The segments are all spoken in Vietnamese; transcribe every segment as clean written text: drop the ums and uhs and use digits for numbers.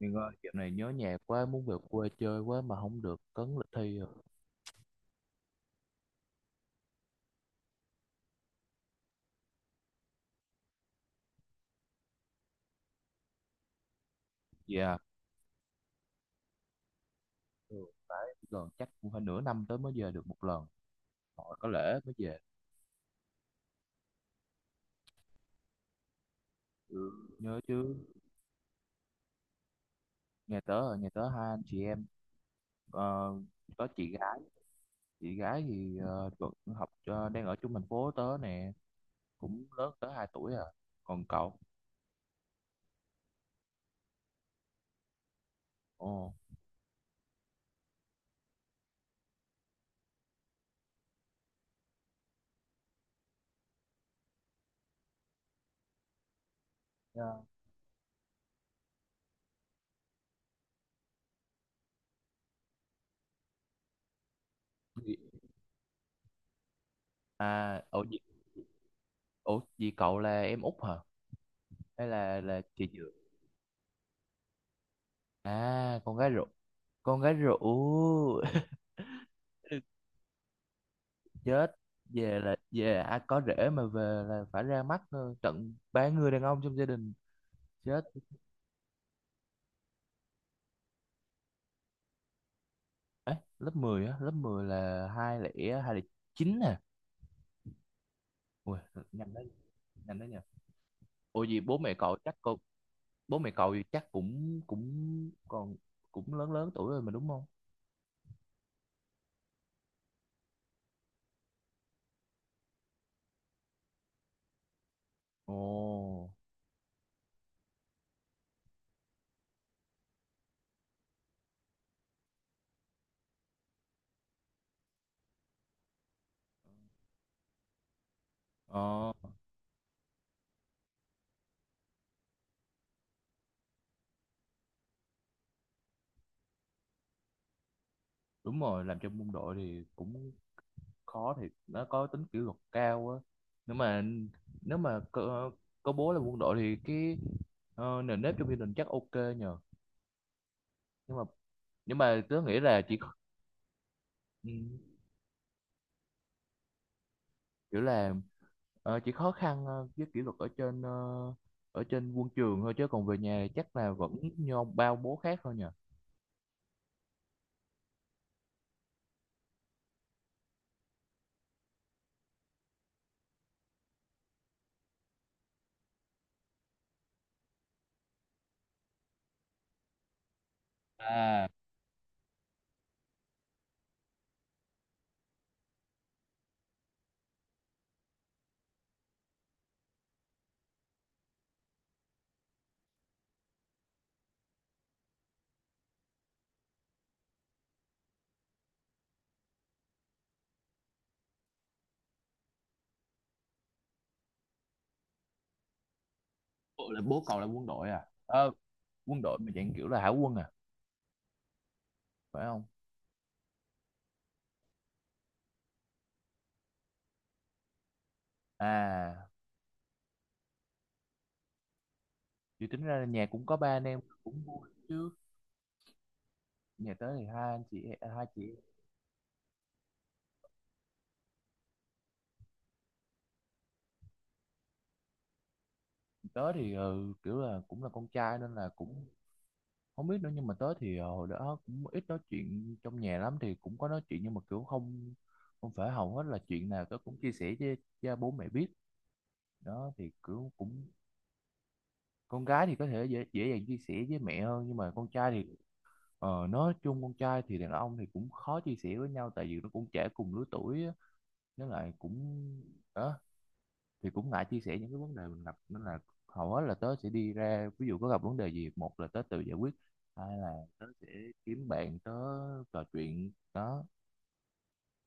Nhưng ơi, dạo này nhớ nhà quá, muốn về quê chơi quá mà không được, cấn lịch thi rồi. Dạ, ừ, phải gần chắc cũng phải nửa năm tới mới về được một lần. Họ có lễ mới về. Ừ, nhớ chứ, nhà tớ hai anh chị em, ờ, có chị gái. Chị gái thì vẫn học đang ở chung thành phố tớ nè, cũng lớn tới hai tuổi à. Còn cậu? Ồ. Dạ. Gì- À, ủa, gì- ủa, gì cậu là em út hả? Hay là chị dượng? À, con gái ruột. Con gái ruột. Chết, về là về ai có rể mà về là phải ra mắt tận ba người đàn ông trong gia đình. Chết ấy, lớp 10 á, lớp mười là hai lẻ chín nè. Ui, nhanh đấy, nhỉ. Ủa gì bố mẹ cậu chắc cậu, bố mẹ cậu thì chắc cũng cũng còn, cũng lớn lớn tuổi rồi mà đúng không. Ồ, ờ, đúng rồi, làm trong quân đội thì cũng khó, thì nó có tính kỷ luật cao á. Nếu mà nếu mà có bố là quân đội thì cái, nền nếp trong gia đình chắc ok nhờ. Nhưng mà tớ nghĩ là ừ, kiểu là chỉ khó khăn với kỷ luật ở trên ở trên quân trường thôi chứ còn về nhà chắc là vẫn như ông bao bố khác thôi nhờ. À, bộ là bố cậu là quân đội à, quân đội mà dạng kiểu là hải quân à, phải không à? Chỉ tính ra là nhà cũng có ba anh em cũng vui chứ. Nhà tớ thì hai anh chị, hai chị em. Tớ thì kiểu là cũng là con trai nên là cũng không biết nữa, nhưng mà tớ thì hồi đó cũng ít nói chuyện trong nhà lắm, thì cũng có nói chuyện nhưng mà kiểu không, không phải hầu hết là chuyện nào tớ cũng chia sẻ với cha bố mẹ biết. Đó thì kiểu cũng, con gái thì có thể dễ dàng chia sẻ với mẹ hơn nhưng mà con trai thì nói chung con trai thì đàn ông thì cũng khó chia sẻ với nhau tại vì nó cũng trẻ cùng lứa tuổi á. Với lại cũng, đó thì cũng ngại chia sẻ những cái vấn đề mình gặp nên là hầu hết là tớ sẽ đi ra, ví dụ có gặp vấn đề gì một là tớ tự giải quyết, hai là tớ sẽ kiếm bạn tớ trò chuyện đó.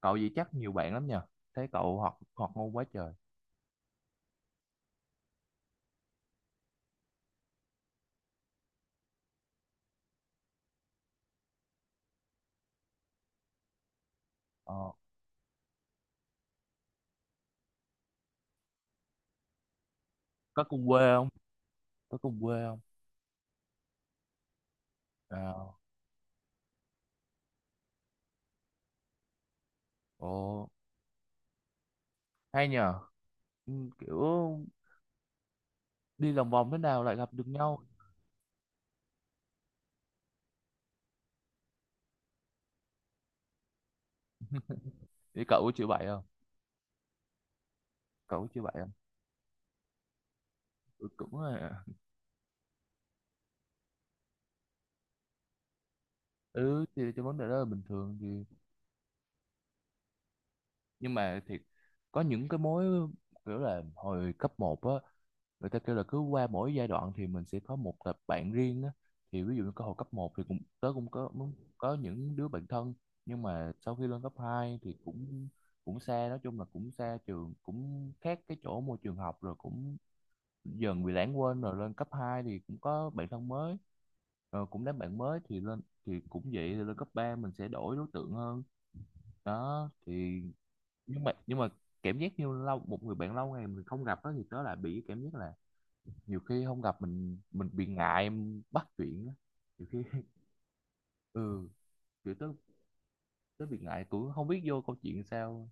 Cậu gì chắc nhiều bạn lắm nhờ, thấy cậu học học ngôn quá trời. Ờ, có cùng quê không? có cùng quê không À, ồ, hay nhờ. Ừ, kiểu đi lòng vòng thế nào lại gặp được nhau. Thì cậu có chịu bậy không? cậu có chịu bậy không ừ, cũng là- ừ thì cái vấn đề đó là bình thường thì, nhưng mà thiệt có những cái mối, kiểu là hồi cấp một á, người ta kêu là cứ qua mỗi giai đoạn thì mình sẽ có một tập bạn riêng á. Thì ví dụ như có hồi cấp một thì cũng, tớ cũng có những đứa bạn thân, nhưng mà sau khi lên cấp 2 thì cũng, cũng xa, nói chung là cũng xa trường, cũng khác cái chỗ môi trường học rồi cũng dần bị lãng quên, rồi lên cấp 2 thì cũng có bạn thân mới. Ờ, cũng đám bạn mới thì lên thì cũng vậy, thì lên cấp 3 mình sẽ đổi đối tượng hơn đó thì, nhưng mà cảm giác như lâu, một người bạn lâu ngày mình không gặp đó thì tớ lại bị cảm giác là nhiều khi không gặp mình bị ngại em bắt chuyện á, nhiều khi ừ kiểu tớ, tớ bị ngại, cũng không biết vô câu chuyện sao.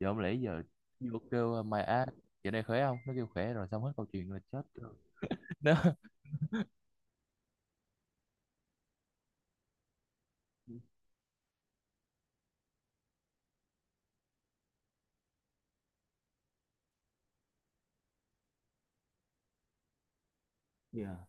Giờ không lẽ giờ vô kêu mày á, giờ này khỏe không, nó kêu khỏe rồi xong hết câu chuyện là chết rồi. Nó, dạ.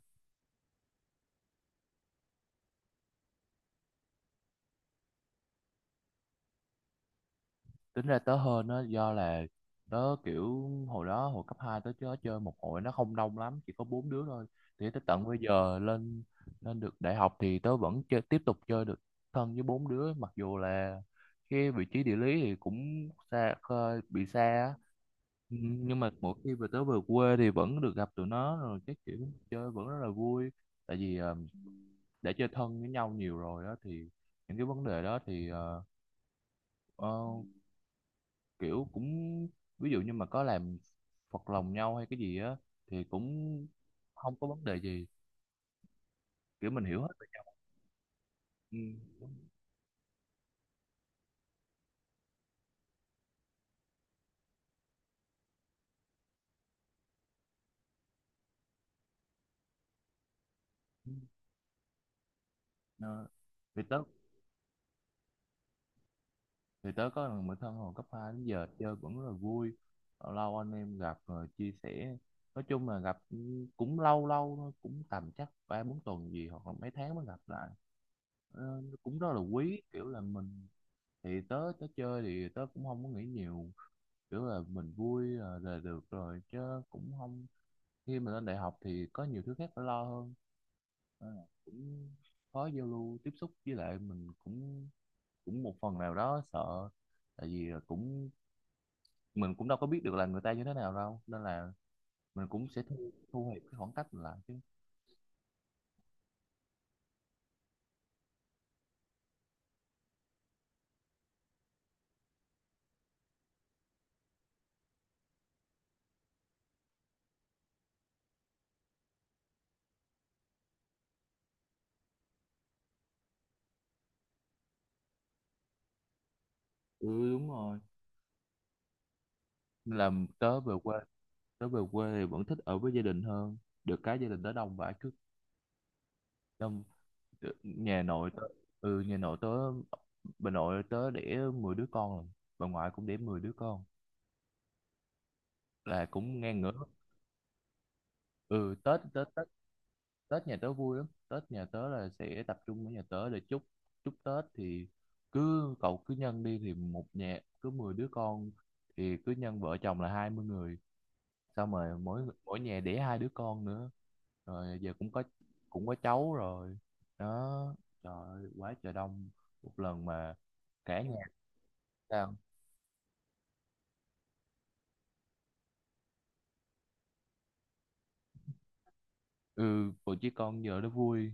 Tính ra tớ hơn nó do là tớ kiểu hồi đó hồi cấp 2 tớ chơi chơi một hội nó không đông lắm, chỉ có bốn đứa thôi, thì tới tận bây giờ lên, lên được đại học thì tớ vẫn chơi, tiếp tục chơi được, thân với bốn đứa. Mặc dù là cái vị trí địa lý thì cũng xa, khơi bị xa á. Ừ, nhưng mà mỗi khi về, tớ về quê thì vẫn được gặp tụi nó, rồi cái kiểu chơi vẫn rất là vui, tại vì đã chơi thân với nhau nhiều rồi đó thì những cái vấn đề đó thì uh, kiểu cũng, ví dụ như mà có làm phật lòng nhau hay cái gì á thì cũng không có vấn đề gì, kiểu mình hiểu hết về nhau. Ừ. Ừ. Ờ, thì tớ, có thằng bạn thân hồi cấp 2 đến giờ chơi vẫn rất là vui, lâu lâu anh em gặp rồi chia sẻ, nói chung là gặp cũng lâu lâu thôi, cũng tầm chắc ba bốn tuần gì hoặc là mấy tháng mới gặp lại. Ờ, nó cũng rất là quý, kiểu là mình, thì tớ tớ chơi thì tớ cũng không có nghĩ nhiều, kiểu là mình vui là được rồi chứ, cũng không, khi mình lên đại học thì có nhiều thứ khác phải lo hơn. Nên là cũng khó giao lưu tiếp xúc, với lại mình cũng, cũng một phần nào đó sợ, tại vì là cũng, mình cũng đâu có biết được là người ta như thế nào đâu nên là mình cũng sẽ thu thu hẹp cái khoảng cách mình lại chứ. Ừ, đúng rồi. Nên là tớ về quê, thì vẫn thích ở với gia đình hơn, được cái gia đình tớ đông vãi, cứ đông. Ừ, nhà nội tớ, ừ nhà nội tớ bà nội tớ đẻ 10 đứa con rồi, bà ngoại cũng đẻ 10 đứa con, là cũng ngang ngửa. Ừ, Tết Tết Tết Tết nhà tớ vui lắm, Tết nhà tớ là sẽ tập trung ở nhà tớ để chúc, chúc Tết thì cứ cậu cứ nhân đi, thì một nhà cứ 10 đứa con, thì cứ nhân vợ chồng là 20 người, xong rồi mỗi mỗi nhà đẻ hai đứa con nữa, rồi giờ cũng có, cũng có cháu rồi đó. Trời ơi, quá trời đông, một lần mà cả, sao? Ừ còn chứ, con giờ nó vui,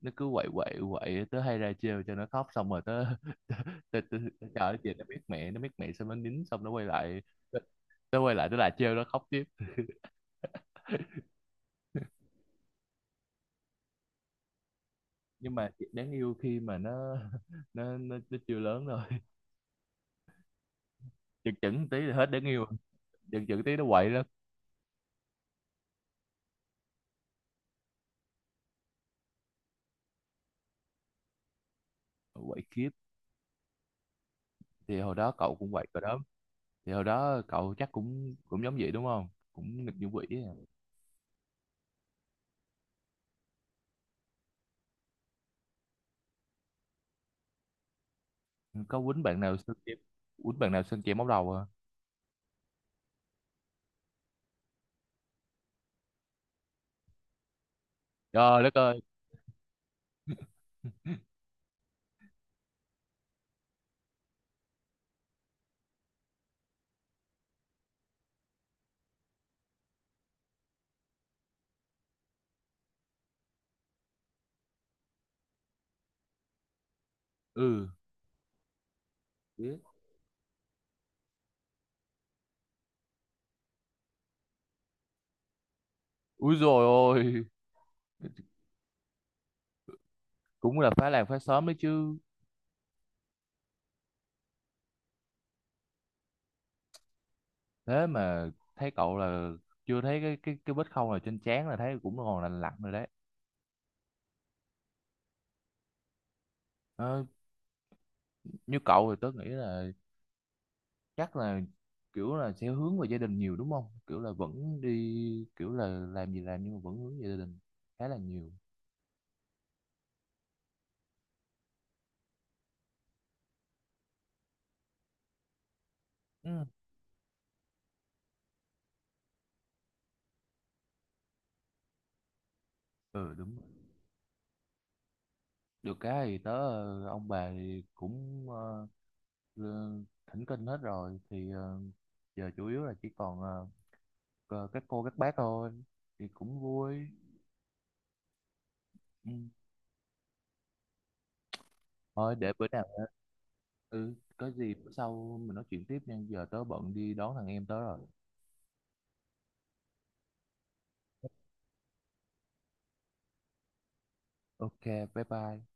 nó cứ quậy quậy quậy, tớ hay ra trêu cho nó khóc xong rồi tớ tớ tớ, tớ chờ chị nó biết, mẹ nó biết mẹ, xong nó nín xong nó quay lại tớ, tớ quay lại tớ lại trêu nó khóc tiếp. Nhưng mà chị đáng yêu khi mà nó nó chưa lớn rồi, chừng chừng tí là hết đáng yêu, chừng chừng tí nó quậy lắm, quậy khiếp. Thì hồi đó cậu cũng quậy rồi đó, thì hồi đó cậu chắc cũng cũng giống vậy đúng không, cũng nghịch như quỷ. À, có quýnh bạn nào sơn kem, móc đầu à? Trời đất ơi, ừ biết. Úi dồi ôi, cũng là phá làng phá xóm đấy chứ. Thế mà thấy cậu là chưa thấy cái vết khâu nào trên trán, là thấy cũng còn lành lặn rồi đấy. Ờ, như cậu thì tớ nghĩ là chắc là kiểu là sẽ hướng về gia đình nhiều đúng không, kiểu là vẫn đi, kiểu là làm gì làm nhưng mà vẫn hướng về gia đình khá là nhiều. Ừ, ừ đúng. Được cái thì tớ ông bà thì cũng lơ- thỉnh kinh hết rồi thì giờ chủ yếu là chỉ còn các cô các bác thôi, thì cũng vui. Ừ. Thôi để bữa nào, ừ, có gì bữa sau mình nói chuyện tiếp nha, giờ tớ bận đi đón thằng em tớ rồi. Ok, bye bye.